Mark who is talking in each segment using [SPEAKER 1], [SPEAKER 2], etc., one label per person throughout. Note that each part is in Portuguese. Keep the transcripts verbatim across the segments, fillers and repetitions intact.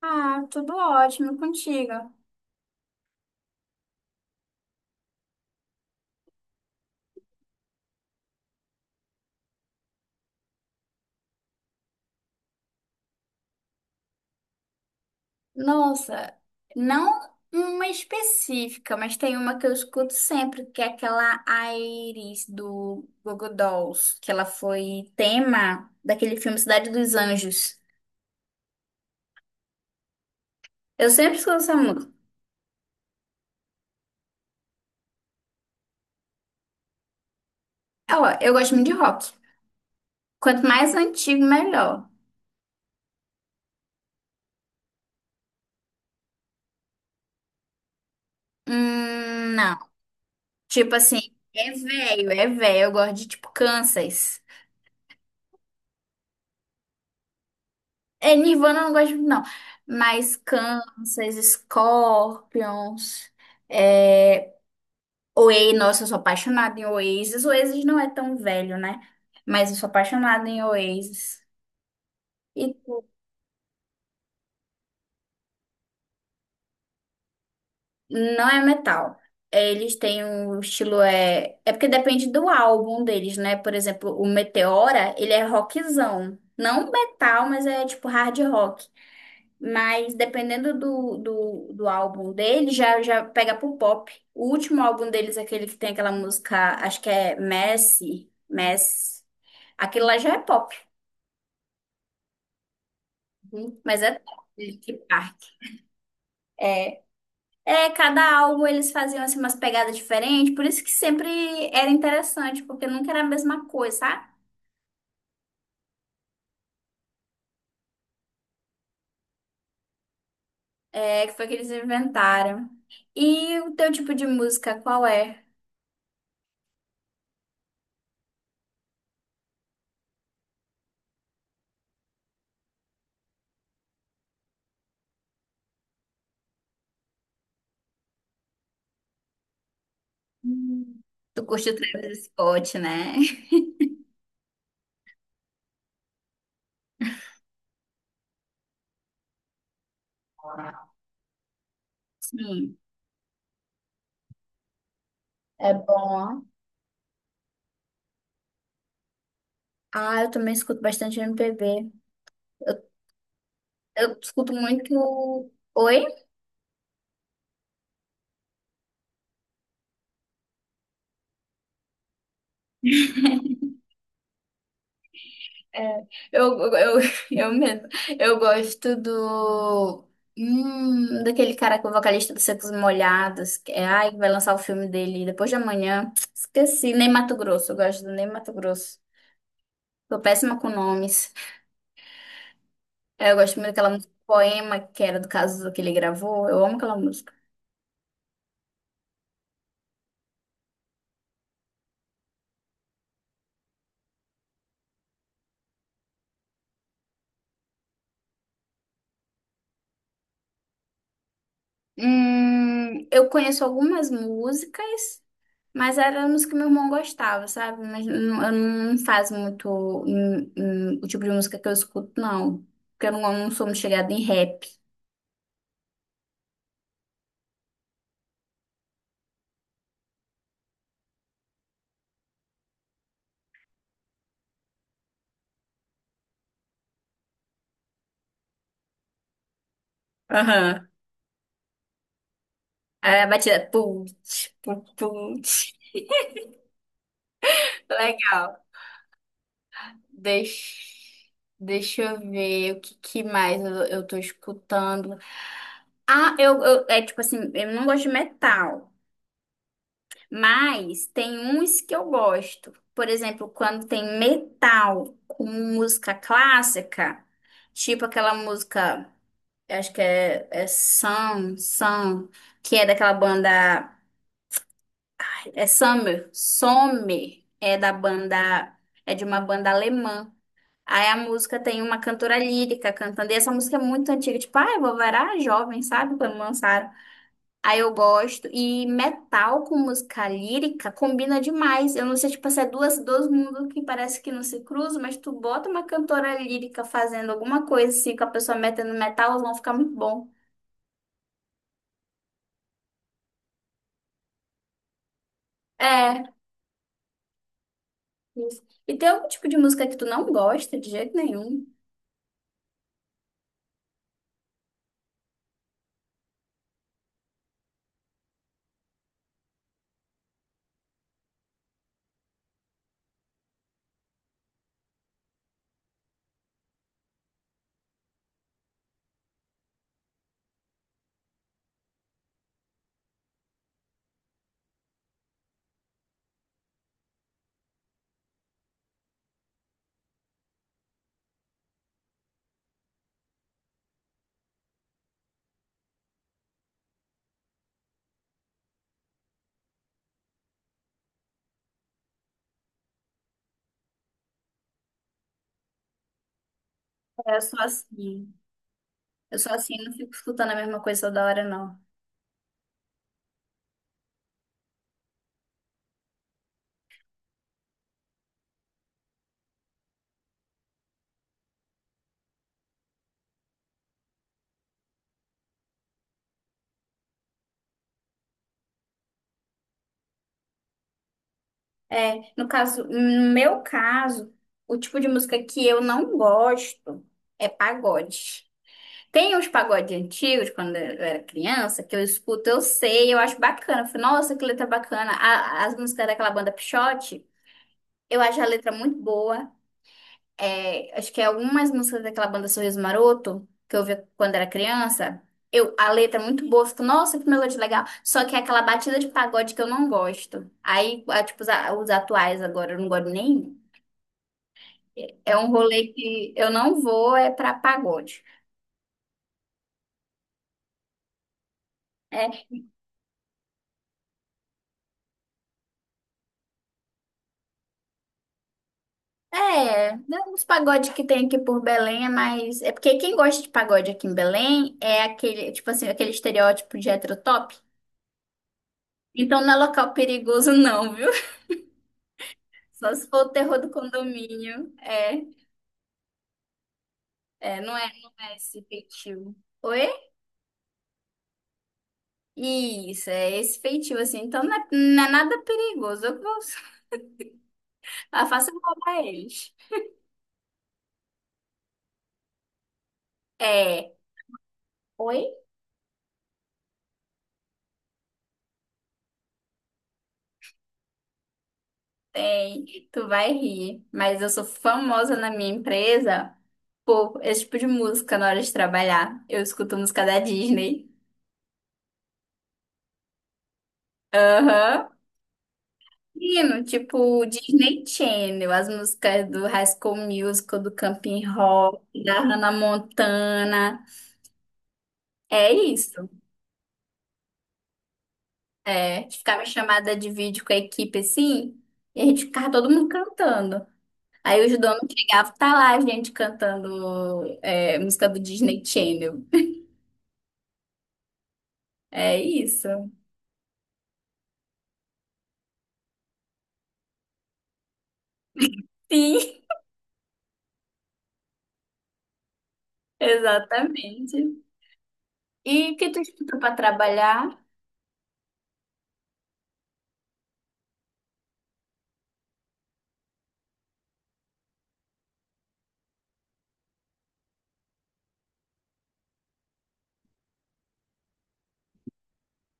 [SPEAKER 1] Ah, tudo ótimo contigo. Nossa, não uma específica, mas tem uma que eu escuto sempre, que é aquela Iris do Google Dolls, que ela foi tema daquele filme Cidade dos Anjos. Eu sempre escuto essa música. É, ó, eu gosto muito de rock. Quanto mais antigo, melhor. Hum, não. Tipo assim, é velho, é velho. Eu gosto de tipo Kansas. É, Nirvana eu não gosto muito, não. Mas Kansas, Scorpions, é... Oasis, nossa, eu sou apaixonada em Oasis. Oasis não é tão velho, né? Mas eu sou apaixonada em Oasis. E tu? Não é metal. Eles têm um estilo, é... é porque depende do álbum deles, né? Por exemplo, o Meteora, ele é rockzão. Não metal, mas é tipo hard rock. Mas dependendo do, do, do álbum dele, já, já pega pro pop. O último álbum deles, aquele que tem aquela música, acho que é Messi, Messi. Aquilo lá já é pop. Uhum. Mas é top, Linkin Park. É, é, cada álbum eles faziam assim, umas pegadas diferentes, por isso que sempre era interessante, porque nunca era a mesma coisa, sabe? É, que foi que eles inventaram. E o teu tipo de música, qual é? Hum. Tu curte o Travis Scott, né? Sim. É bom, ó. Ah, eu também escuto bastante M MPB. Eu, eu escuto muito. Oi? É, eu, eu, eu eu mesmo. Eu gosto do. Hum, daquele cara que é o vocalista dos Secos e Molhados. Que é, ai, que vai lançar o filme dele depois de amanhã. Esqueci. Ney Matogrosso. Eu gosto do Ney Matogrosso. Tô péssima com nomes. É, eu gosto muito daquela música Poema, que era do caso que ele gravou. Eu amo aquela música. Hum, eu conheço algumas músicas. Mas era a música que meu irmão gostava, sabe? Mas não- eu não faço muito hum, hum, o tipo de música que eu escuto, não. Porque eu não, eu não sou muito chegada em rap. Aham. Aí a batida. Putz, putz, putz. Legal. Deixa, deixa eu ver o que, que mais eu, eu tô escutando. Ah, eu, eu. É tipo assim, eu não gosto de metal. Mas tem uns que eu gosto. Por exemplo, quando tem metal com música clássica, tipo aquela música, eu acho que é, é Sun, Sun, que é daquela banda. É Summer, Sommer, é da banda. É de uma banda alemã. Aí a música tem uma cantora lírica cantando. E essa música é muito antiga, tipo, ai, vovó era jovem, sabe? Quando lançaram. Aí eu gosto. E metal com música lírica combina demais. Eu não sei, tipo, se é duas, dois mundos que parece que não se cruzam, mas tu bota uma cantora lírica fazendo alguma coisa assim, com a pessoa metendo metal, elas vão ficar muito bom. É. Isso. E tem algum tipo de música que tu não gosta de jeito nenhum? É, eu sou assim. Eu sou assim, não fico escutando a mesma coisa toda hora, não. É, no caso, no meu caso, o tipo de música que eu não gosto é pagode. Tem uns pagodes antigos, quando eu era criança, que eu escuto, eu sei, eu acho bacana. Eu falo, nossa, que letra bacana. A- as músicas daquela banda Pixote, eu acho a letra muito boa. É, acho que é algumas músicas daquela banda Sorriso Maroto, que eu ouvia quando era criança, eu, a letra é muito boa. Eu fico, nossa, que melodia legal. Só que é aquela batida de pagode que eu não gosto. Aí, a- tipo, os, a- os atuais agora, eu não gosto nem. É é um rolê que eu não vou, é pra pagode. É, é, né, os pagodes que tem aqui por Belém é mais. É porque quem gosta de pagode aqui em Belém é aquele, tipo assim, aquele estereótipo de hétero top. Então não é local perigoso, não, viu? Só se for o terror do condomínio. É, é, não é, não é esse feitio. Oi? Isso, é esse feitio, assim. Então não é, não é nada perigoso. Eu vou- eu faço roubar eles. É. Oi? Tem, tu vai rir, mas eu sou famosa na minha empresa por esse tipo de música na hora de trabalhar. Eu escuto música da Disney. Aham. Menino, tipo Disney Channel, as músicas do High School Musical, do Camping Rock, da Hannah Montana. É isso. É, ficava chamada de vídeo com a equipe assim, e a gente ficava todo mundo cantando. Aí os donos chegavam, tá lá a gente cantando é, música do Disney Channel. É isso. Sim, exatamente. E o que tu estuda para trabalhar?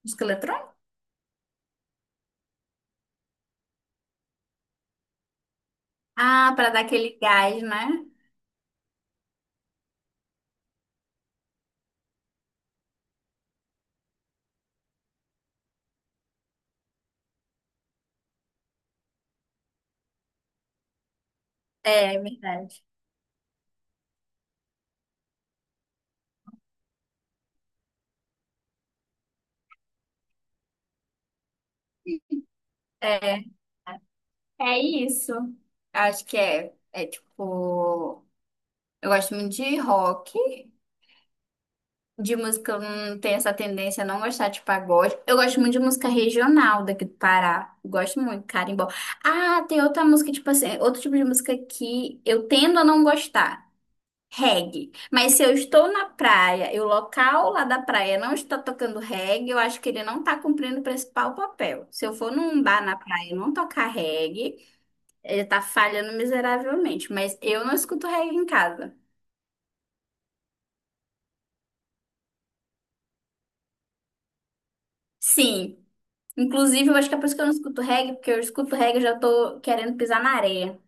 [SPEAKER 1] Música eletrônica? Ah, para dar aquele gás, né? É, é verdade. É, é isso. Acho que é, é tipo, eu gosto muito de rock, de música, eu não tenho essa tendência a não gostar de pagode. Eu gosto muito de música regional daqui do Pará. Eu gosto muito, carimbó. Ah, tem outra música, tipo assim, outro tipo de música que eu tendo a não gostar. Reggae. Mas se eu estou na praia e o local lá da praia não está tocando reggae, eu acho que ele não está cumprindo o principal papel. Se eu for num bar na praia e não tocar reggae, ele está falhando miseravelmente. Mas eu não escuto reggae em casa. Sim. Inclusive, eu acho que é por isso que eu não escuto reggae, porque eu escuto reggae e já tô querendo pisar na areia.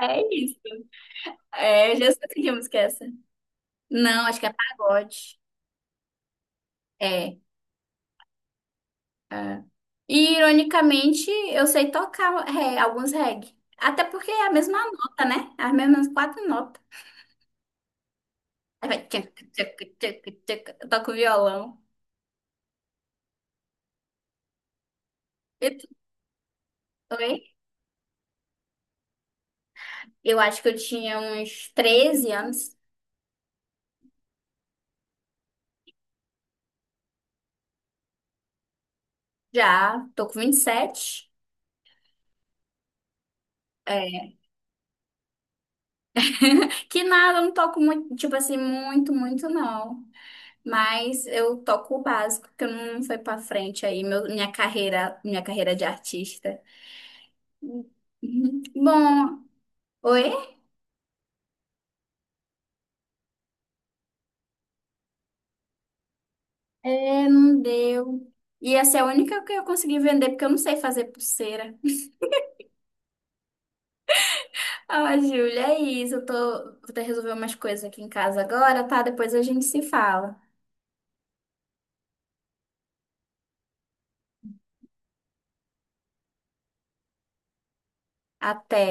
[SPEAKER 1] É isso. É, eu já escutei que música é essa. Não, acho que é pagode. É. É. E, ironicamente, eu sei tocar re- alguns reggae. Até porque é a mesma nota, né? É as mesmas quatro notas. Aí vai tchac, tchac, tchac, tchac. Eu toco violão. E tu- Oi? Eu acho que eu tinha uns treze anos. Já, tô com vinte e sete. É. Que nada, eu não toco muito, tipo assim, muito, muito não. Mas eu toco o básico, porque eu não fui pra frente aí, meu- minha carreira, minha carreira de artista. Uhum. Bom, oi? É, não deu. E essa é a única que eu consegui vender, porque eu não sei fazer pulseira. Ah, Júlia, é isso. Eu tô... Vou ter que resolver umas coisas aqui em casa agora, tá? Depois a gente se fala. Até.